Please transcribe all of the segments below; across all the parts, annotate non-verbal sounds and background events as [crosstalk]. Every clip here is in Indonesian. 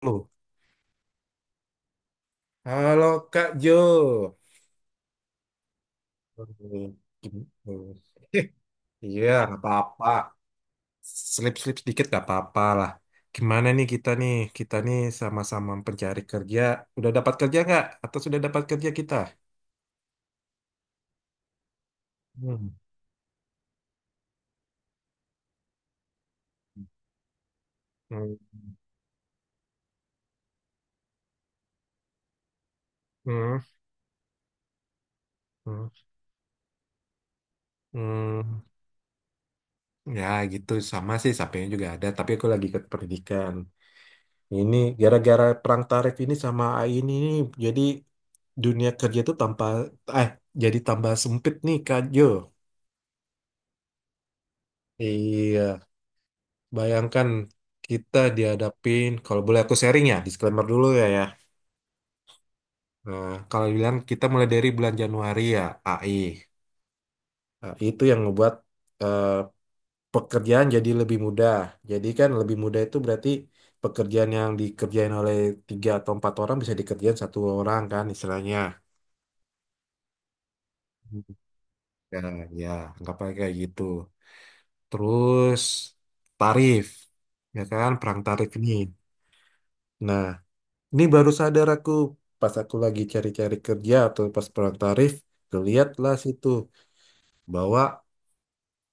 Halo, halo Kak Jo. Eh, gitu. [laughs] Iya, nggak apa-apa. Slip-slip sedikit nggak apa-apa lah. Gimana nih kita nih? Kita nih sama-sama pencari kerja. Udah dapat kerja nggak? Atau sudah dapat kerja kita? Hmm. Hmm. Hmm. Hmm. Hmm. Ya gitu sama sih sampainya juga ada. Tapi aku lagi ikut pendidikan. Ini gara-gara perang tarif ini sama AI ini nih, jadi dunia kerja tuh tanpa eh jadi tambah sempit nih Kak Jo. Iya, bayangkan kita dihadapin, kalau boleh aku sharing ya, disclaimer dulu ya. Nah, kalau bilang kita mulai dari bulan Januari ya AI. Nah, itu yang ngebuat eh, pekerjaan jadi lebih mudah. Jadi kan lebih mudah itu berarti pekerjaan yang dikerjain oleh tiga atau empat orang bisa dikerjain satu orang kan istilahnya. Ya, ya, anggapannya kayak gitu. Terus tarif, ya kan, perang tarif ini. Nah, ini baru sadar aku pas aku lagi cari-cari kerja atau pas perang tarif, kelihatlah situ bahwa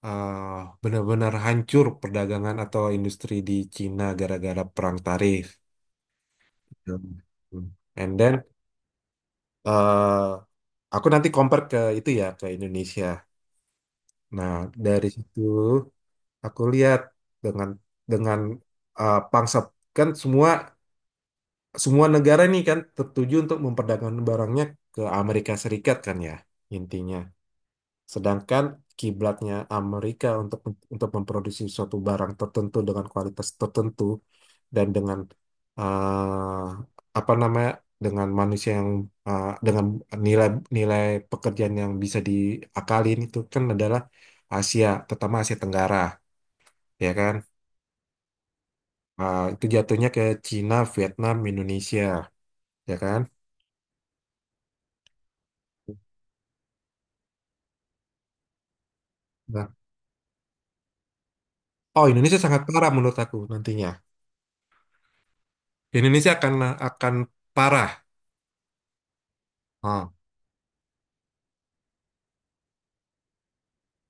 benar-benar hancur perdagangan atau industri di Cina gara-gara perang tarif. Hmm. And then eh, aku nanti compare ke itu ya ke Indonesia. Nah, dari situ aku lihat dengan dengan pangsa, kan semua semua negara nih kan tertuju untuk memperdagangkan barangnya ke Amerika Serikat kan ya intinya. Sedangkan kiblatnya Amerika untuk memproduksi suatu barang tertentu dengan kualitas tertentu dan dengan eh, apa namanya dengan manusia yang dengan nilai nilai pekerjaan yang bisa diakalin itu kan adalah Asia, terutama Asia Tenggara, ya kan? Nah, itu jatuhnya ke Cina, Vietnam, Indonesia, ya kan? Nah, oh Indonesia sangat parah menurut aku nantinya. Indonesia akan akan parah. Ah,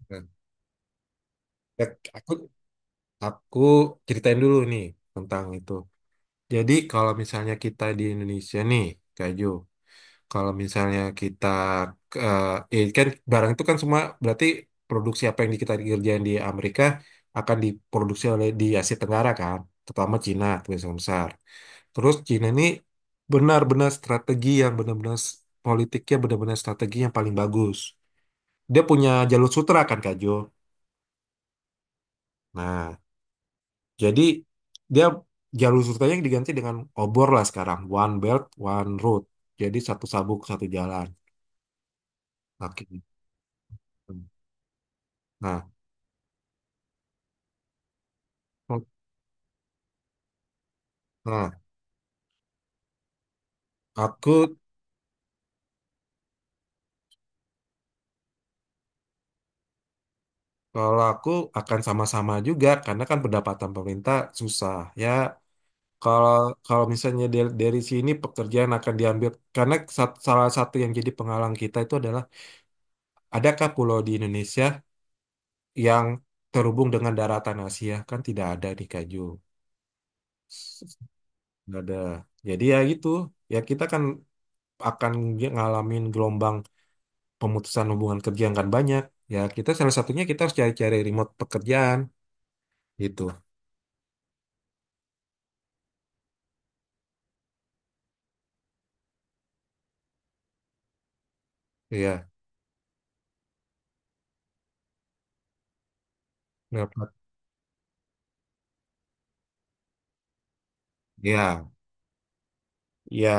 kan. Ya, aku aku ceritain dulu nih tentang itu. Jadi kalau misalnya kita di Indonesia nih, Kak Jo. Kalau misalnya kita eh kan barang itu kan semua berarti produksi apa yang kita kerjain di Amerika akan diproduksi oleh di Asia Tenggara kan, terutama Cina itu yang besar. Terus Cina ini benar-benar strategi yang benar-benar politiknya benar-benar strategi yang paling bagus. Dia punya jalur sutra kan Kak Jo. Nah, jadi dia jalur sutranya diganti dengan obor lah sekarang, one belt, one road. Jadi satu sabuk satu jalan. Oke. Nah, Nah, aku kalau aku akan sama-sama juga karena kan pendapatan pemerintah susah ya. Kalau kalau misalnya dari sini pekerjaan akan diambil karena salah satu yang jadi penghalang kita itu adalah adakah pulau di Indonesia yang terhubung dengan daratan Asia? Kan tidak ada di Kaju. Nggak ada. Jadi ya gitu. Ya kita kan akan ngalamin gelombang pemutusan hubungan kerja yang kan banyak. Ya kita salah satunya kita harus cari-cari remote pekerjaan gitu. Iya. Dapat. Ya, ya.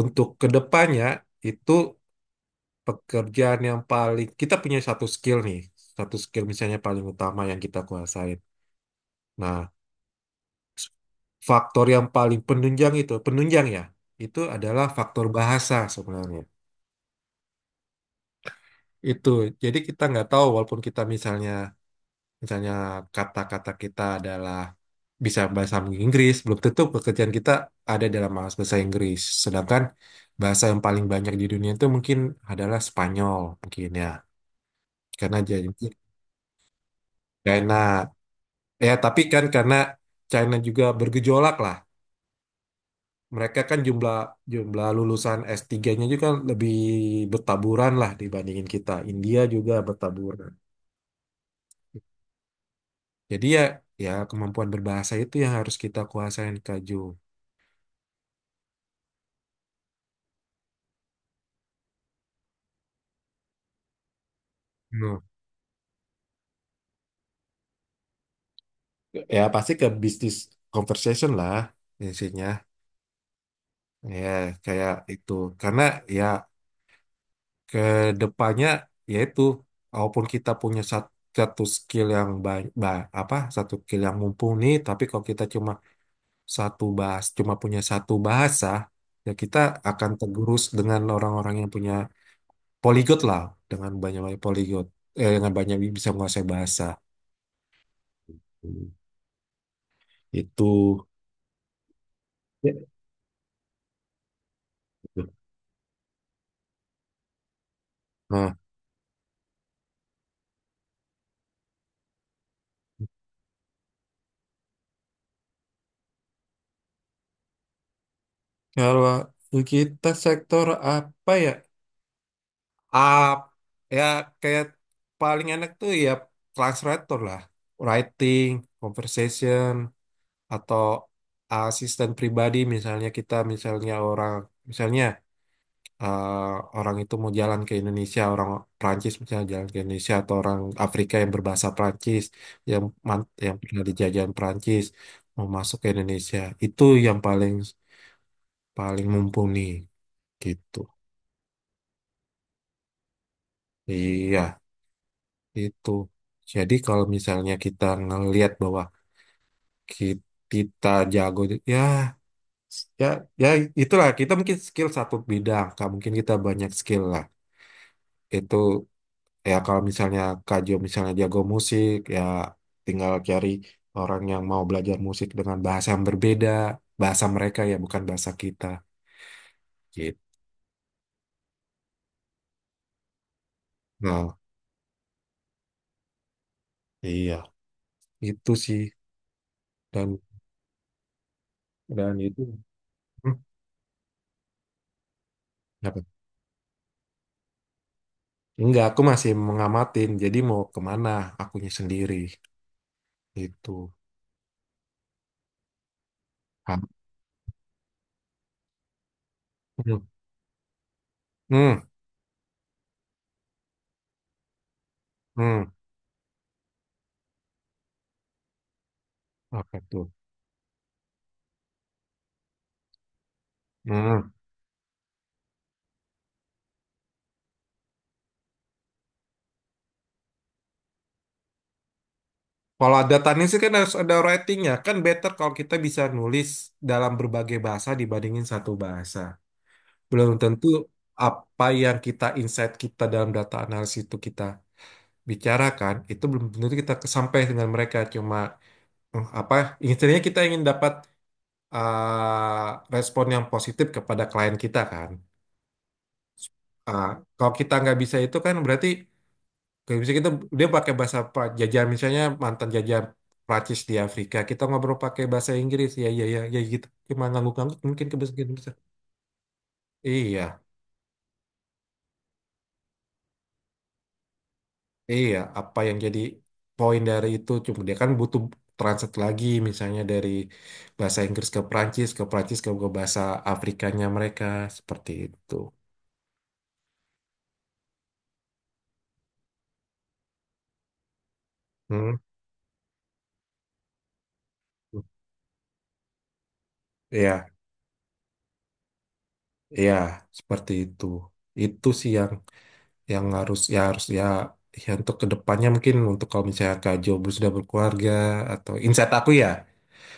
Untuk kedepannya itu pekerjaan yang paling kita punya satu skill nih, satu skill misalnya paling utama yang kita kuasain. Nah, s- faktor yang paling penunjang itu, penunjang ya, itu adalah faktor bahasa sebenarnya. Itu, jadi kita nggak tahu walaupun kita misalnya, misalnya kata-kata kita adalah bisa bahasa Inggris, belum tentu pekerjaan kita ada dalam bahasa bahasa Inggris. Sedangkan bahasa yang paling banyak di dunia itu mungkin adalah Spanyol mungkin ya, karena jadi China. Ya, tapi kan karena China juga bergejolak lah. Mereka kan jumlah jumlah lulusan S3-nya juga kan lebih bertaburan lah dibandingin kita. India juga bertaburan. Jadi ya kemampuan berbahasa itu yang harus kita kuasain Kak Jo. Hmm. Ya pasti ke bisnis conversation lah intinya. Ya, kayak itu. Karena ya ke depannya yaitu walaupun kita punya satu skill yang baik apa satu skill yang mumpuni tapi kalau kita cuma satu bahas cuma punya satu bahasa ya kita akan tergerus dengan orang-orang yang punya poligot lah dengan banyak-banyak poligot dengan banyak bisa menguasai bahasa. Hmm, itu. Ya. Nah kalau kita sektor apa ya, up ya kayak paling enak tuh ya translator lah, writing, conversation, atau asisten pribadi. Misalnya kita misalnya orang, misalnya eh, orang itu mau jalan ke Indonesia, orang Prancis misalnya jalan ke Indonesia, atau orang Afrika yang berbahasa Prancis, yang yang pernah dijajahan Prancis mau masuk ke Indonesia, itu yang paling paling mumpuni gitu. Iya. Itu. Jadi kalau misalnya kita ngelihat bahwa ki- kita jago ya ya ya itulah kita mungkin skill satu bidang, Kak. Mungkin kita banyak skill lah. Itu ya kalau misalnya Kak Jo misalnya jago musik ya tinggal cari orang yang mau belajar musik dengan bahasa yang berbeda, bahasa mereka ya bukan bahasa kita. Gitu. Nah, iya, itu sih. Dan itu. Hmm, apa? Enggak, aku masih mengamatin. Jadi mau kemana akunya sendiri. Itu. Hmm. Hmm. Hmm. Apa tuh? Hmm. Kalau ada tanya sih kan harus ada ratingnya. Kan better kalau kita bisa nulis dalam berbagai bahasa dibandingin satu bahasa. Belum tentu apa yang kita insight, kita dalam data analisis itu kita bicarakan, itu belum tentu kita sampai dengan mereka, cuma eh, apa intinya kita ingin dapat eh, respon yang positif kepada klien kita kan. Ah, kalau kita nggak bisa itu kan berarti nggak bisa kita, dia pakai bahasa jajah misalnya mantan jajah Prancis di Afrika, kita ngobrol pakai bahasa Inggris ya ya ya ya gitu cuma ngangguk-ngangguk mungkin kebiasaan besar. Iya, iya apa yang jadi poin dari itu, cuma dia kan butuh transit lagi misalnya dari bahasa Inggris ke Prancis, ke Prancis ke bahasa Afrikanya mereka, seperti itu. Hmm. Iya, iya, itu. Itu sih yang harus ya ya untuk kedepannya, mungkin untuk kalau misalnya Kak Jobu sudah berkeluarga, atau insight aku ya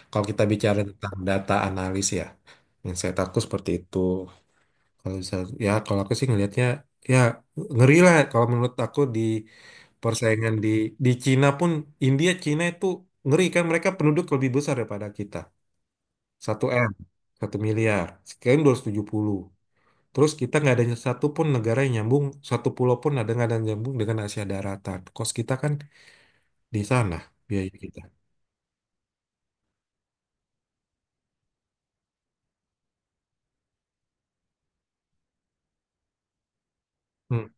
kalau kita bicara tentang data analis ya, insight aku seperti itu. Kalau bisa ya kalau aku sih ngelihatnya ya ngeri lah, kalau menurut aku di persaingan di Cina pun, India Cina itu ngeri kan, mereka penduduk lebih besar daripada kita, satu M, 1 miliar sekian 200 tujuh puluh. Terus kita nggak ada satu pun negara yang nyambung, satu pulau pun ada nggak ada yang nyambung dengan Asia daratan. Kos kita kan di sana, biaya kita. Hmm,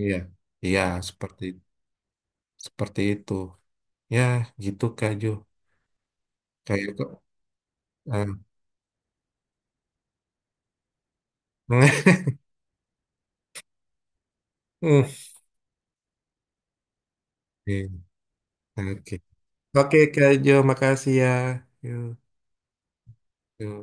iya, iya seperti seperti itu. Ya gitu Kak Jo. Kayak kok. eh, [laughs] hmm, iya, Oke, oke Kak Jo, makasih ya. Yuk, yuk.